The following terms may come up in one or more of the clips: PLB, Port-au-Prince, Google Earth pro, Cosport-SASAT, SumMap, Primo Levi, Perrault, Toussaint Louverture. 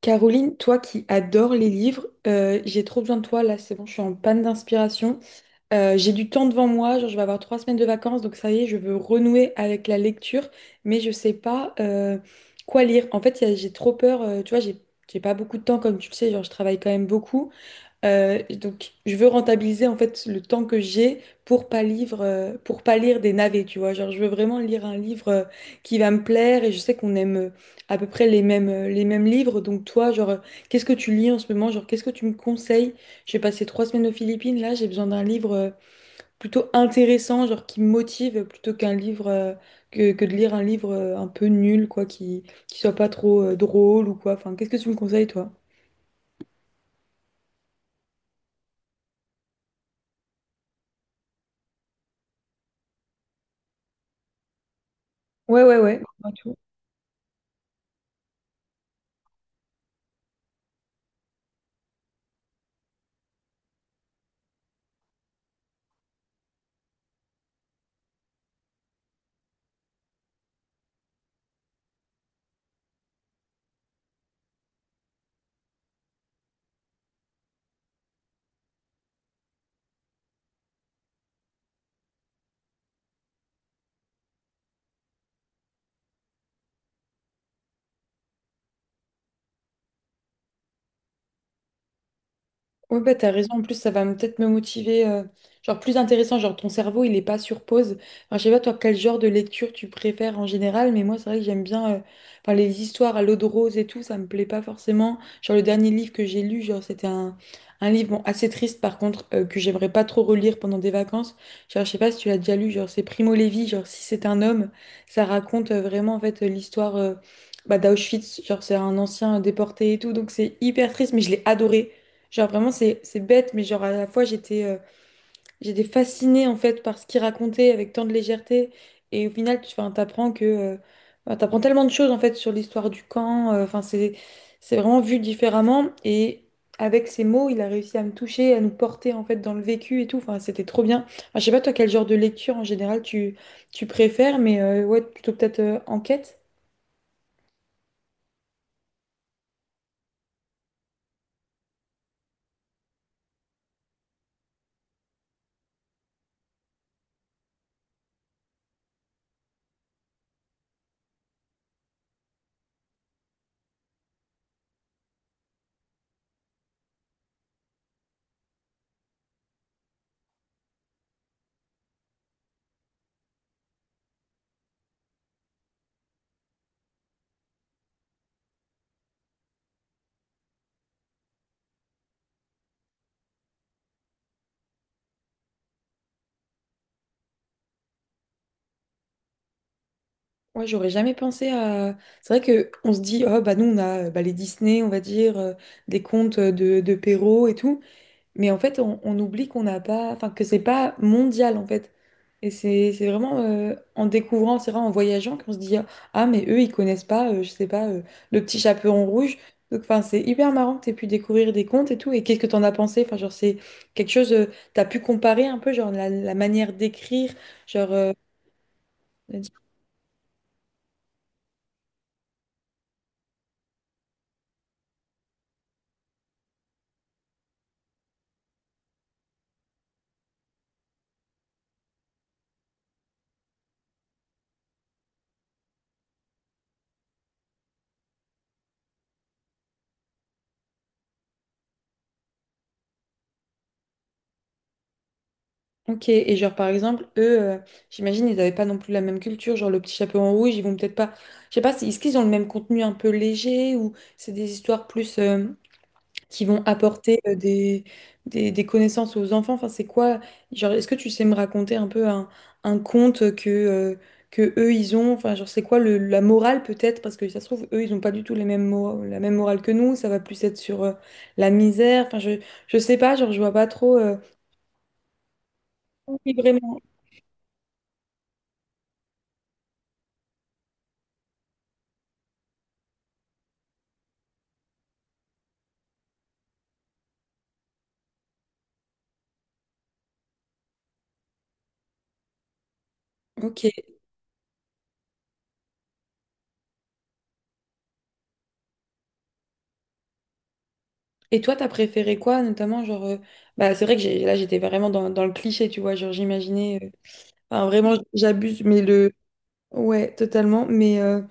Caroline, toi qui adores les livres, j'ai trop besoin de toi là, c'est bon, je suis en panne d'inspiration. J'ai du temps devant moi, genre je vais avoir 3 semaines de vacances, donc ça y est, je veux renouer avec la lecture, mais je sais pas quoi lire. En fait, j'ai trop peur, tu vois, j'ai pas beaucoup de temps comme tu le sais, genre je travaille quand même beaucoup, donc, je veux rentabiliser en fait le temps que j'ai pour pas lire des navets, tu vois. Genre, je veux vraiment lire un livre qui va me plaire et je sais qu'on aime à peu près les mêmes livres. Donc, toi, genre, qu'est-ce que tu lis en ce moment? Genre, qu'est-ce que tu me conseilles? Je vais passer 3 semaines aux Philippines. Là, j'ai besoin d'un livre plutôt intéressant, genre qui me motive plutôt qu'un livre que de lire un livre un peu nul, quoi, qui soit pas trop drôle ou quoi. Enfin, qu'est-ce que tu me conseilles, toi? Ouais, ouais, ouais. Ouais, bah, t'as raison. En plus, peut-être me motiver. Genre, plus intéressant. Genre, ton cerveau, il est pas sur pause. Enfin, je sais pas, toi, quel genre de lecture tu préfères en général, mais moi, c'est vrai que j'aime bien enfin, les histoires à l'eau de rose et tout. Ça me plaît pas forcément. Genre, le dernier livre que j'ai lu, genre, un livre bon, assez triste, par contre, que j'aimerais pas trop relire pendant des vacances. Genre, je sais pas si tu l'as déjà lu. Genre, c'est Primo Levi. Genre, si c'est un homme, ça raconte vraiment, en fait, l'histoire. Bah, d'Auschwitz, genre c'est un ancien déporté et tout, donc c'est hyper triste, mais je l'ai adoré. Genre vraiment c'est bête, mais genre à la fois j'étais fascinée en fait par ce qu'il racontait avec tant de légèreté. Et au final, t'apprends que enfin, t'apprends tellement de choses en fait sur l'histoire du camp. Enfin c'est vraiment vu différemment. Et avec ses mots, il a réussi à me toucher, à nous porter en fait dans le vécu et tout. Enfin c'était trop bien. Enfin, je sais pas toi quel genre de lecture en général tu préfères, mais ouais plutôt peut-être enquête. Ouais, j'aurais jamais pensé à. C'est vrai que on se dit, oh bah nous on a bah, les Disney, on va dire, des contes de Perrault et tout, mais en fait on oublie qu'on n'a pas, enfin que c'est pas mondial en fait. Et c'est vraiment en découvrant, c'est vrai en voyageant qu'on se dit, ah mais eux ils connaissent pas, je sais pas, le petit chaperon rouge. Donc enfin c'est hyper marrant que t'aies pu découvrir des contes et tout. Et qu'est-ce que t'en as pensé? Enfin genre c'est quelque chose, t'as pu comparer un peu genre la manière d'écrire, genre. Ok, et genre par exemple, eux, j'imagine, ils n'avaient pas non plus la même culture, genre le petit chaperon rouge, ils vont peut-être pas, je sais pas, est-ce qu'ils ont le même contenu un peu léger ou c'est des histoires plus qui vont apporter des, des connaissances aux enfants, enfin c'est quoi, genre est-ce que tu sais me raconter un peu un conte que eux ils ont, enfin genre c'est quoi la morale peut-être, parce que ça se trouve, eux ils ont pas du tout les mêmes la même morale que nous, ça va plus être sur la misère, je sais pas, genre je vois pas trop, Oui, vraiment, ok. Et toi, t'as préféré quoi, notamment, genre, bah, c'est vrai que là, j'étais vraiment dans le cliché, tu vois, genre, j'imaginais, enfin, vraiment, j'abuse, mais le, ouais, totalement,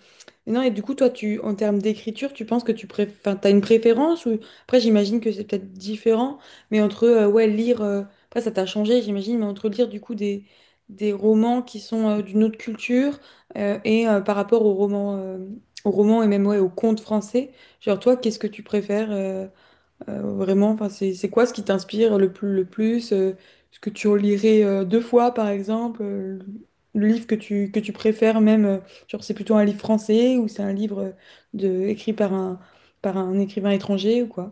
mais non, et du coup, toi, en termes d'écriture, tu penses que tu préfères, enfin, t'as une préférence, ou, après, j'imagine que c'est peut-être différent, mais entre, ouais, lire, après, ça t'a changé, j'imagine, mais entre lire, du coup, des romans qui sont d'une autre culture, et par rapport aux romans, et même, ouais, aux contes français, genre, toi, qu'est-ce que tu préfères? Vraiment, enfin, c'est quoi ce qui t'inspire le plus, le plus? Ce que tu relirais 2 fois, par exemple? Le livre que que tu préfères même, genre c'est plutôt un livre français ou c'est un livre de, écrit par un écrivain étranger ou quoi?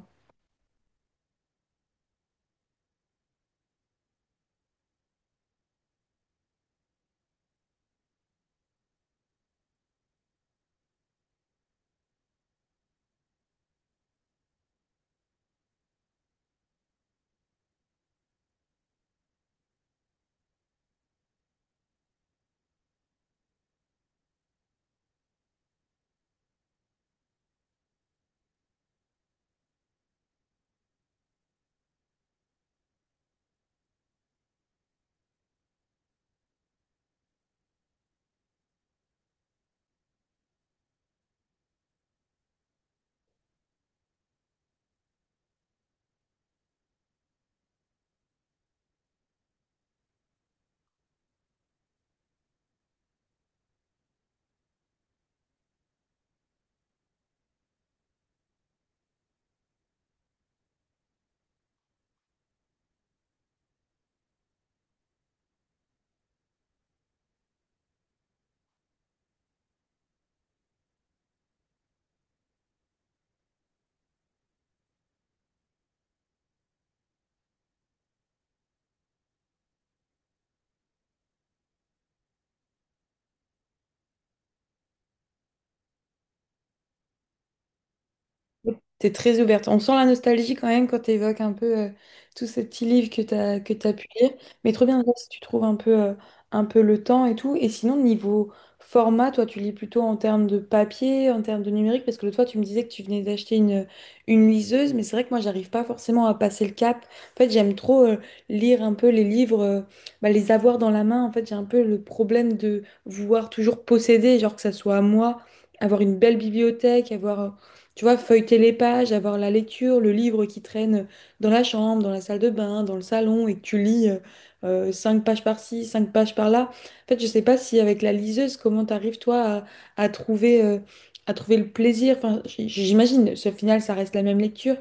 T'es très ouverte. On sent la nostalgie quand même quand tu évoques un peu tous ces petits livres que t'as pu lire. Mais trop bien déjà, si tu trouves un peu le temps et tout. Et sinon, niveau format, toi, tu lis plutôt en termes de papier, en termes de numérique, parce que l'autre fois, tu me disais que tu venais d'acheter une liseuse, mais c'est vrai que moi, j'arrive pas forcément à passer le cap. En fait, j'aime trop lire un peu les livres, bah, les avoir dans la main. En fait, j'ai un peu le problème de vouloir toujours posséder, genre que ça soit à moi, avoir une belle bibliothèque, tu vois, feuilleter les pages, avoir la lecture, le livre qui traîne dans la chambre, dans la salle de bain, dans le salon, et que tu lis 5 pages par-ci, 5 pages par-là. En fait, je sais pas si avec la liseuse, comment t'arrives toi à, à trouver, euh, à trouver le plaisir. Enfin, j'imagine, ce final, ça reste la même lecture,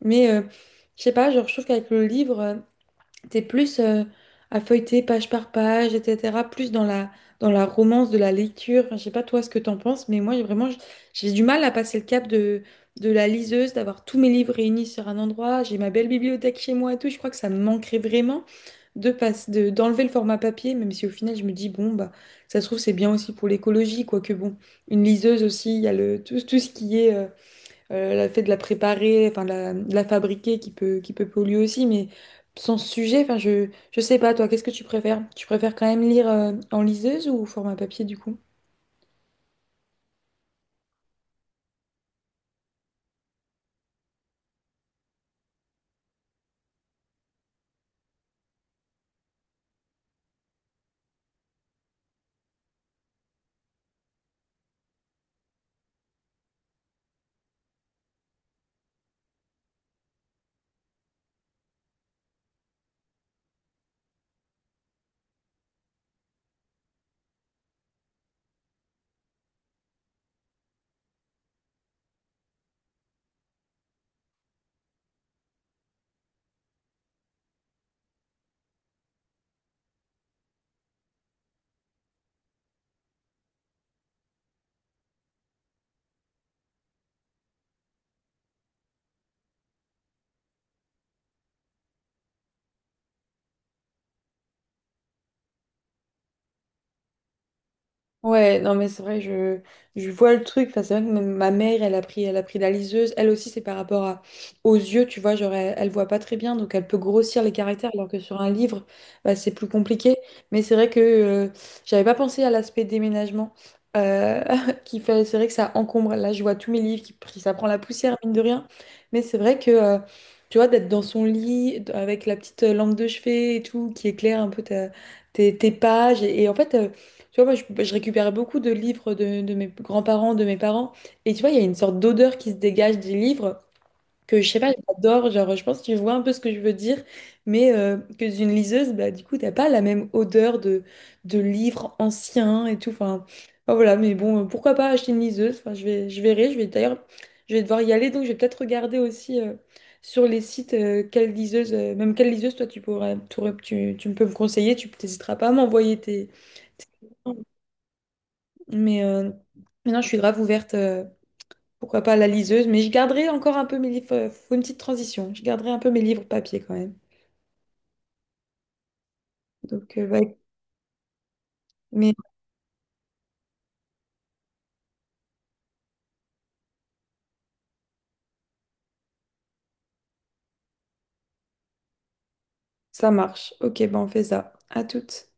mais je sais pas, genre, je trouve qu'avec le livre. T'es plus à feuilleter page par page, etc. Plus dans dans la romance de la lecture. Enfin, je sais pas toi ce que t'en penses, mais moi j'ai vraiment j'ai du mal à passer le cap de la liseuse, d'avoir tous mes livres réunis sur un endroit. J'ai ma belle bibliothèque chez moi et tout. Je crois que ça me manquerait vraiment de passer, d'enlever le format papier, même si au final je me dis bon bah ça se trouve c'est bien aussi pour l'écologie, quoique bon une liseuse aussi il y a le tout, tout ce qui est le fait de la préparer, enfin de de la fabriquer qui peut polluer aussi, mais sans ce sujet, je sais pas, toi, qu'est-ce que tu préfères? Tu préfères quand même lire en liseuse ou au format papier du coup? Ouais, non mais c'est vrai, je vois le truc. Enfin, c'est vrai que même ma mère, elle a pris la liseuse. Elle aussi, c'est par rapport à, aux yeux, tu vois, genre elle voit pas très bien, donc elle peut grossir les caractères, alors que sur un livre, bah, c'est plus compliqué. Mais c'est vrai que j'avais pas pensé à l'aspect déménagement, euh, qui fait, c'est vrai que ça encombre. Là, je vois tous mes livres ça prend la poussière mine de rien. Mais c'est vrai que tu vois, d'être dans son lit avec la petite lampe de chevet et tout, qui éclaire un peu tes, tes pages, et en fait. Tu vois, moi, je récupère beaucoup de livres de mes grands-parents, de mes parents. Et tu vois, il y a une sorte d'odeur qui se dégage des livres que, je sais pas, j'adore. Genre, je pense que tu vois un peu ce que je veux dire. Mais que d'une liseuse, bah, du coup, t'as pas la même odeur de livres anciens et tout. Enfin, enfin, voilà. Mais bon, pourquoi pas acheter une liseuse? Enfin, je verrai. Je vais d'ailleurs, je vais devoir y aller. Donc, je vais peut-être regarder aussi sur les sites quelle liseuse, même quelle liseuse, toi, tu peux me conseiller. Tu n'hésiteras pas à m'envoyer tes... tes- mais maintenant, je suis grave ouverte, pourquoi pas à la liseuse, mais je garderai encore un peu mes livres. Faut une petite transition. Je garderai un peu mes livres papier quand même. Donc, ouais, mais ça marche. Ok, ben on fait ça. À toutes.